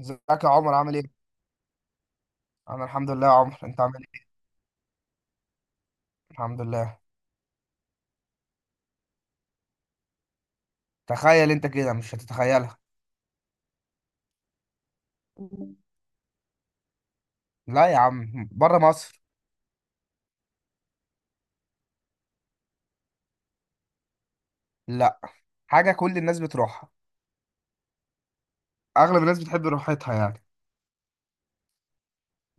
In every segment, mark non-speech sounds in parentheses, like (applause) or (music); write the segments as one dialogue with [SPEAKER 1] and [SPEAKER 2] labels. [SPEAKER 1] ازيك يا عمر عامل ايه؟ انا الحمد لله يا عمر انت عامل ايه؟ الحمد لله. تخيل انت كده مش هتتخيلها. لا يا عم بره مصر. لا، حاجة كل الناس بتروحها. اغلب الناس بتحب روحتها يعني.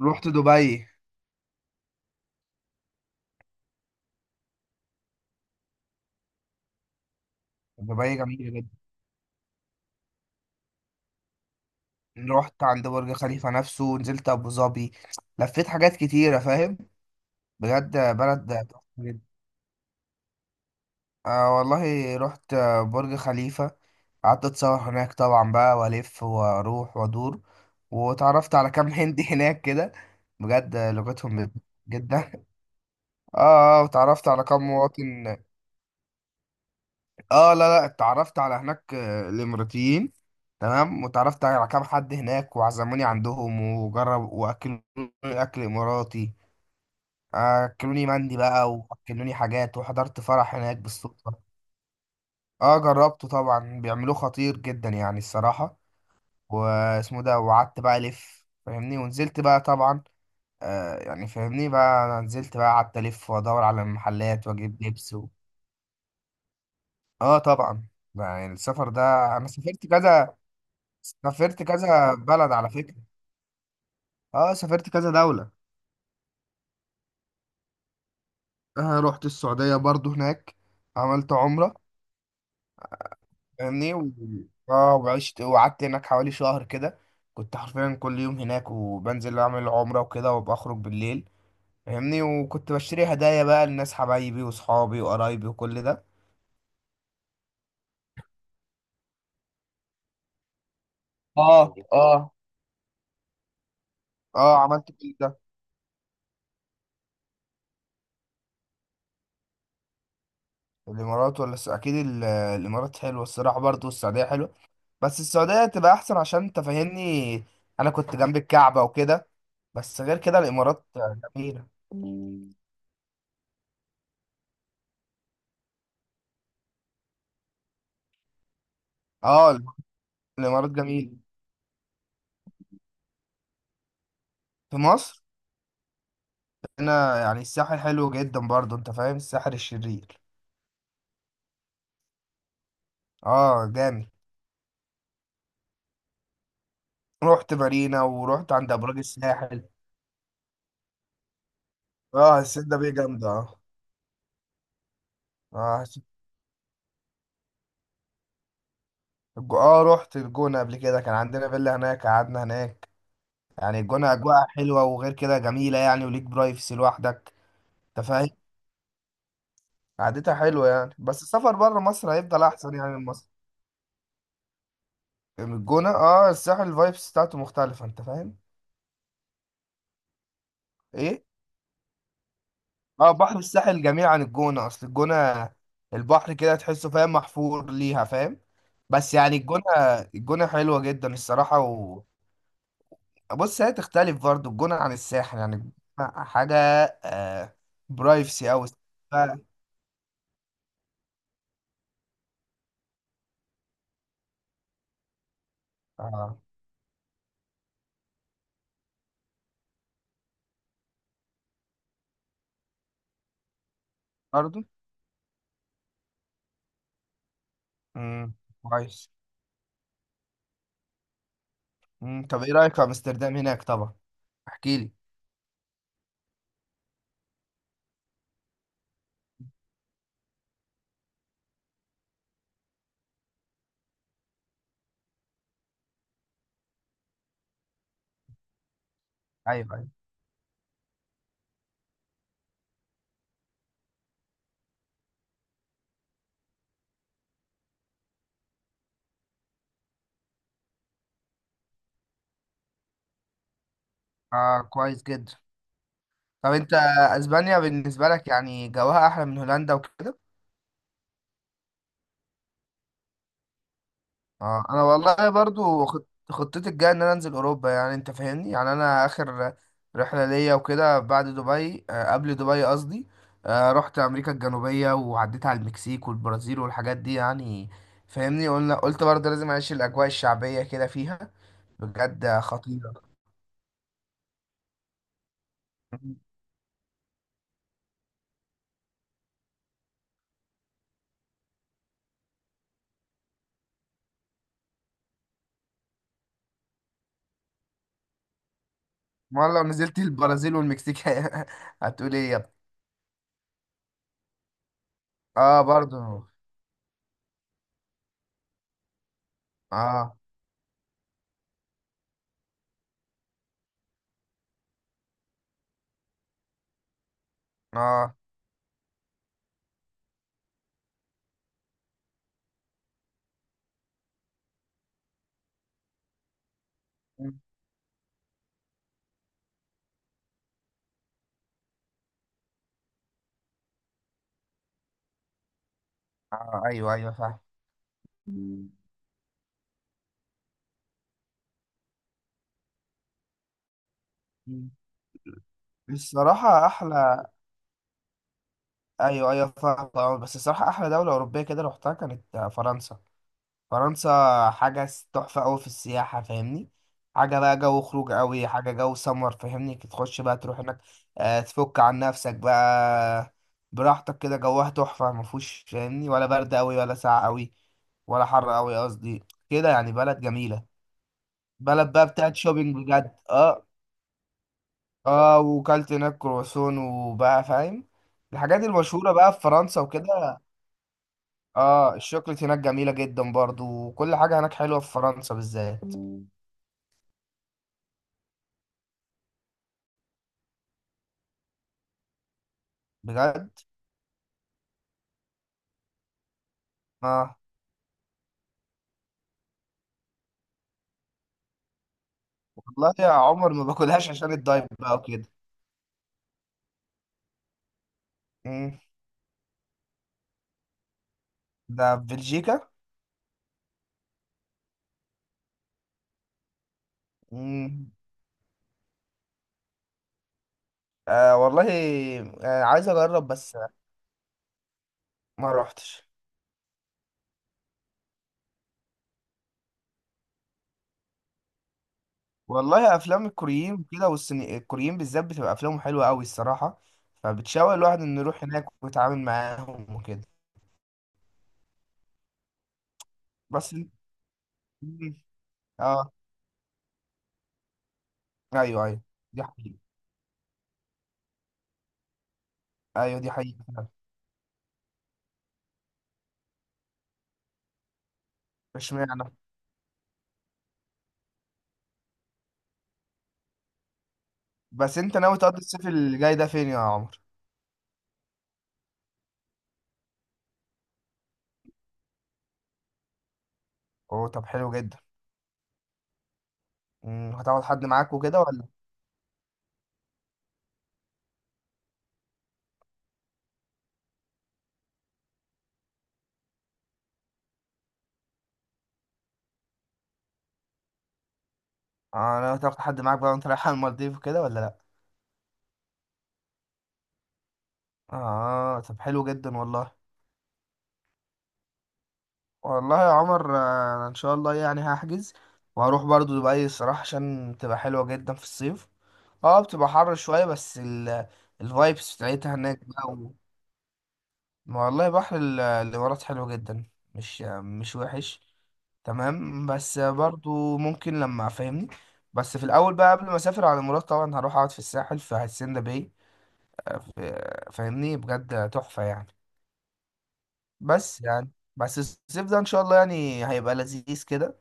[SPEAKER 1] رحت دبي. دبي جميلة جدا. رحت عند برج خليفة نفسه، نزلت ابو ظبي، لفيت حاجات كتيرة فاهم. بجد بلد تحفة. آه والله رحت برج خليفة، قعدت اتصور هناك طبعا بقى والف واروح وادور، واتعرفت على كام (laughs) هندي هناك كده. بجد لغتهم جدا (laughs) اه واتعرفت على كام مواطن. اه لا اتعرفت على هناك الاماراتيين. تمام، واتعرفت على كام حد هناك وعزموني عندهم وجرب واكلوني اكل اماراتي. اكلوني مندي بقى واكلوني حاجات، وحضرت فرح هناك بالصدفة. اه جربته طبعا، بيعملوه خطير جدا يعني الصراحة. واسمه ده. وقعدت بقى الف فاهمني، ونزلت بقى طبعا. آه يعني فاهمني بقى، انا نزلت بقى قعدت الف وادور على المحلات واجيب لبس و... اه طبعا. يعني السفر ده، انا سافرت كذا، سافرت كذا بلد على فكرة. اه سافرت كذا دولة. آه رحت السعودية برضو هناك، عملت عمرة. فاهمني اه وعشت وقعدت هناك حوالي شهر كده. كنت حرفيا كل يوم هناك، وبنزل اعمل عمرة وكده وبخرج بالليل. فاهمني، وكنت بشتري هدايا بقى للناس حبايبي وصحابي وقرايبي وكل ده. اه اه عملت كل ده. الامارات ولا اكيد الامارات حلوه الصراحه، برضه والسعوديه حلوه. بس السعوديه تبقى احسن، عشان انت فاهمني انا كنت جنب الكعبه وكده. بس غير كده الامارات جميله. اه الامارات جميله. في مصر هنا يعني الساحل حلو جدا برضه، انت فاهم، الساحل الشرير. اه جامد. رحت مارينا ورحت عند ابراج الساحل. اه السيدة بيه جامدة اه. اه اه رحت الجونة قبل كده، كان عندنا فيلا هناك قعدنا هناك. يعني الجونة اجواء حلوة، وغير كده جميلة يعني، وليك برايفسي لوحدك، انت فاهم. قعدتها حلوة يعني، بس السفر بره مصر هيفضل احسن يعني من مصر. من الجونة اه، الساحل الفايبس بتاعته مختلفة، انت فاهم. ايه، اه بحر الساحل جميل عن الجونة. اصل الجونة البحر كده تحسه فاهم محفور ليها فاهم. بس يعني الجونة، الجونة حلوة جدا الصراحة و... بص هي تختلف برضه الجونة عن الساحل، يعني الجونة حاجة. آه برايفسي أوي. آه برضه. مم، كويس. مم، طب ايه رأيك في امستردام هناك طبعا، احكي لي. ايوه ايوه، اه كويس جدا. طب انت اسبانيا بالنسبة لك يعني جواها احلى من هولندا وكده؟ اه انا والله برضو خطتي الجايه ان انا انزل اوروبا يعني، انت فاهمني يعني انا اخر رحله ليا وكده بعد دبي، قبل دبي قصدي. رحت امريكا الجنوبيه وعديت على المكسيك والبرازيل والحاجات دي يعني. فاهمني، قلنا قلت برضه لازم اعيش الاجواء الشعبيه كده فيها بجد خطيره. والله لو نزلت البرازيل والمكسيك (laughs) هتقول ايه يا ابني. اه برضو. اه اه, آه ايوه ايوه فاهم. الصراحة أحلى. ايوه ايوه فاهم أه، بس الصراحه احلى دوله اوروبيه كده روحتها كانت فرنسا. فرنسا حاجه تحفه قوي في السياحه فاهمني. حاجه بقى جو خروج قوي، حاجه جو سمر، فاهمني، تخش بقى تروح هناك، تفك عن نفسك بقى براحتك كده. جوها تحفه، ما فيهوش فاهمني ولا برد قوي ولا ساقع قوي ولا حر قوي قصدي. كده يعني بلد جميله. بلد بقى بتاعت شوبينج بجد اه. اه وكلت هناك كرواسون وبقى فاهم الحاجات المشهورة بقى في فرنسا وكده. اه الشوكليت هناك جميلة جدا برضو، وكل حاجة هناك حلوة في فرنسا بالذات. بجد. اه والله يا عمر ما باكلهاش عشان الدايت بقى وكده. مم. ده في بلجيكا. مم. آه والله. آه عايز اجرب بس، ما روحتش. والله افلام الكوريين كده والصيني، الكوريين بالذات بتبقى افلامهم حلوة قوي الصراحة، فبتشوق الواحد انه يروح هناك ويتعامل معاهم وكده. بس. مم. اه. ايوه ايوه دي حقيقة. ايوه دي حقيقة. اشمعنى؟ بس انت ناوي تقضي الصيف اللي جاي ده فين يا عمر؟ اوه طب حلو جدا. مم، هتاخد حد معاك وكده ولا؟ اه ناوي تاخد حد معاك بقى وانت رايح على المالديف وكده ولا لا؟ اه طب حلو جدا والله. والله يا عمر انا ان شاء الله يعني هحجز وهروح برضو دبي الصراحة عشان تبقى حلوة جدا في الصيف. اه بتبقى حر شوية، بس ال الفايبس بتاعتها هناك بقى و... ما والله بحر الامارات حلو جدا، مش مش وحش، تمام. بس برضو ممكن لما فاهمني، بس في الاول بقى قبل ما اسافر على مراد طبعا هروح اقعد في الساحل في هاسيندا باي. فاهمني بجد تحفة يعني. بس يعني، بس الصيف ده ان شاء الله يعني هيبقى لذيذ كده،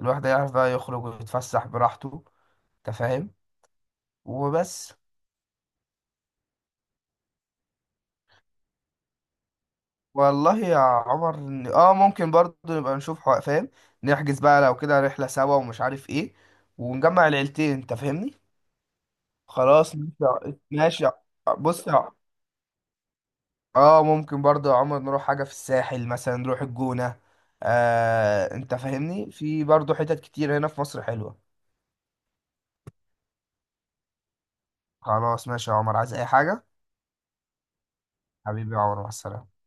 [SPEAKER 1] الواحد هيعرف بقى يخرج ويتفسح براحته، انت فاهم، وبس. والله يا عمر اه ممكن برضو نبقى نشوف فاهم، نحجز بقى لو كده رحلة سوا ومش عارف ايه، ونجمع العيلتين انت فاهمني. خلاص ماشي ماشي يا-. بص اه ممكن برضه يا عمر نروح حاجة في الساحل، مثلا نروح الجونة. آه انت فاهمني في برضه حتت كتير هنا في مصر حلوة. خلاص ماشي يا عمر، عايز اي حاجة. حبيبي يا عمر مع السلامة.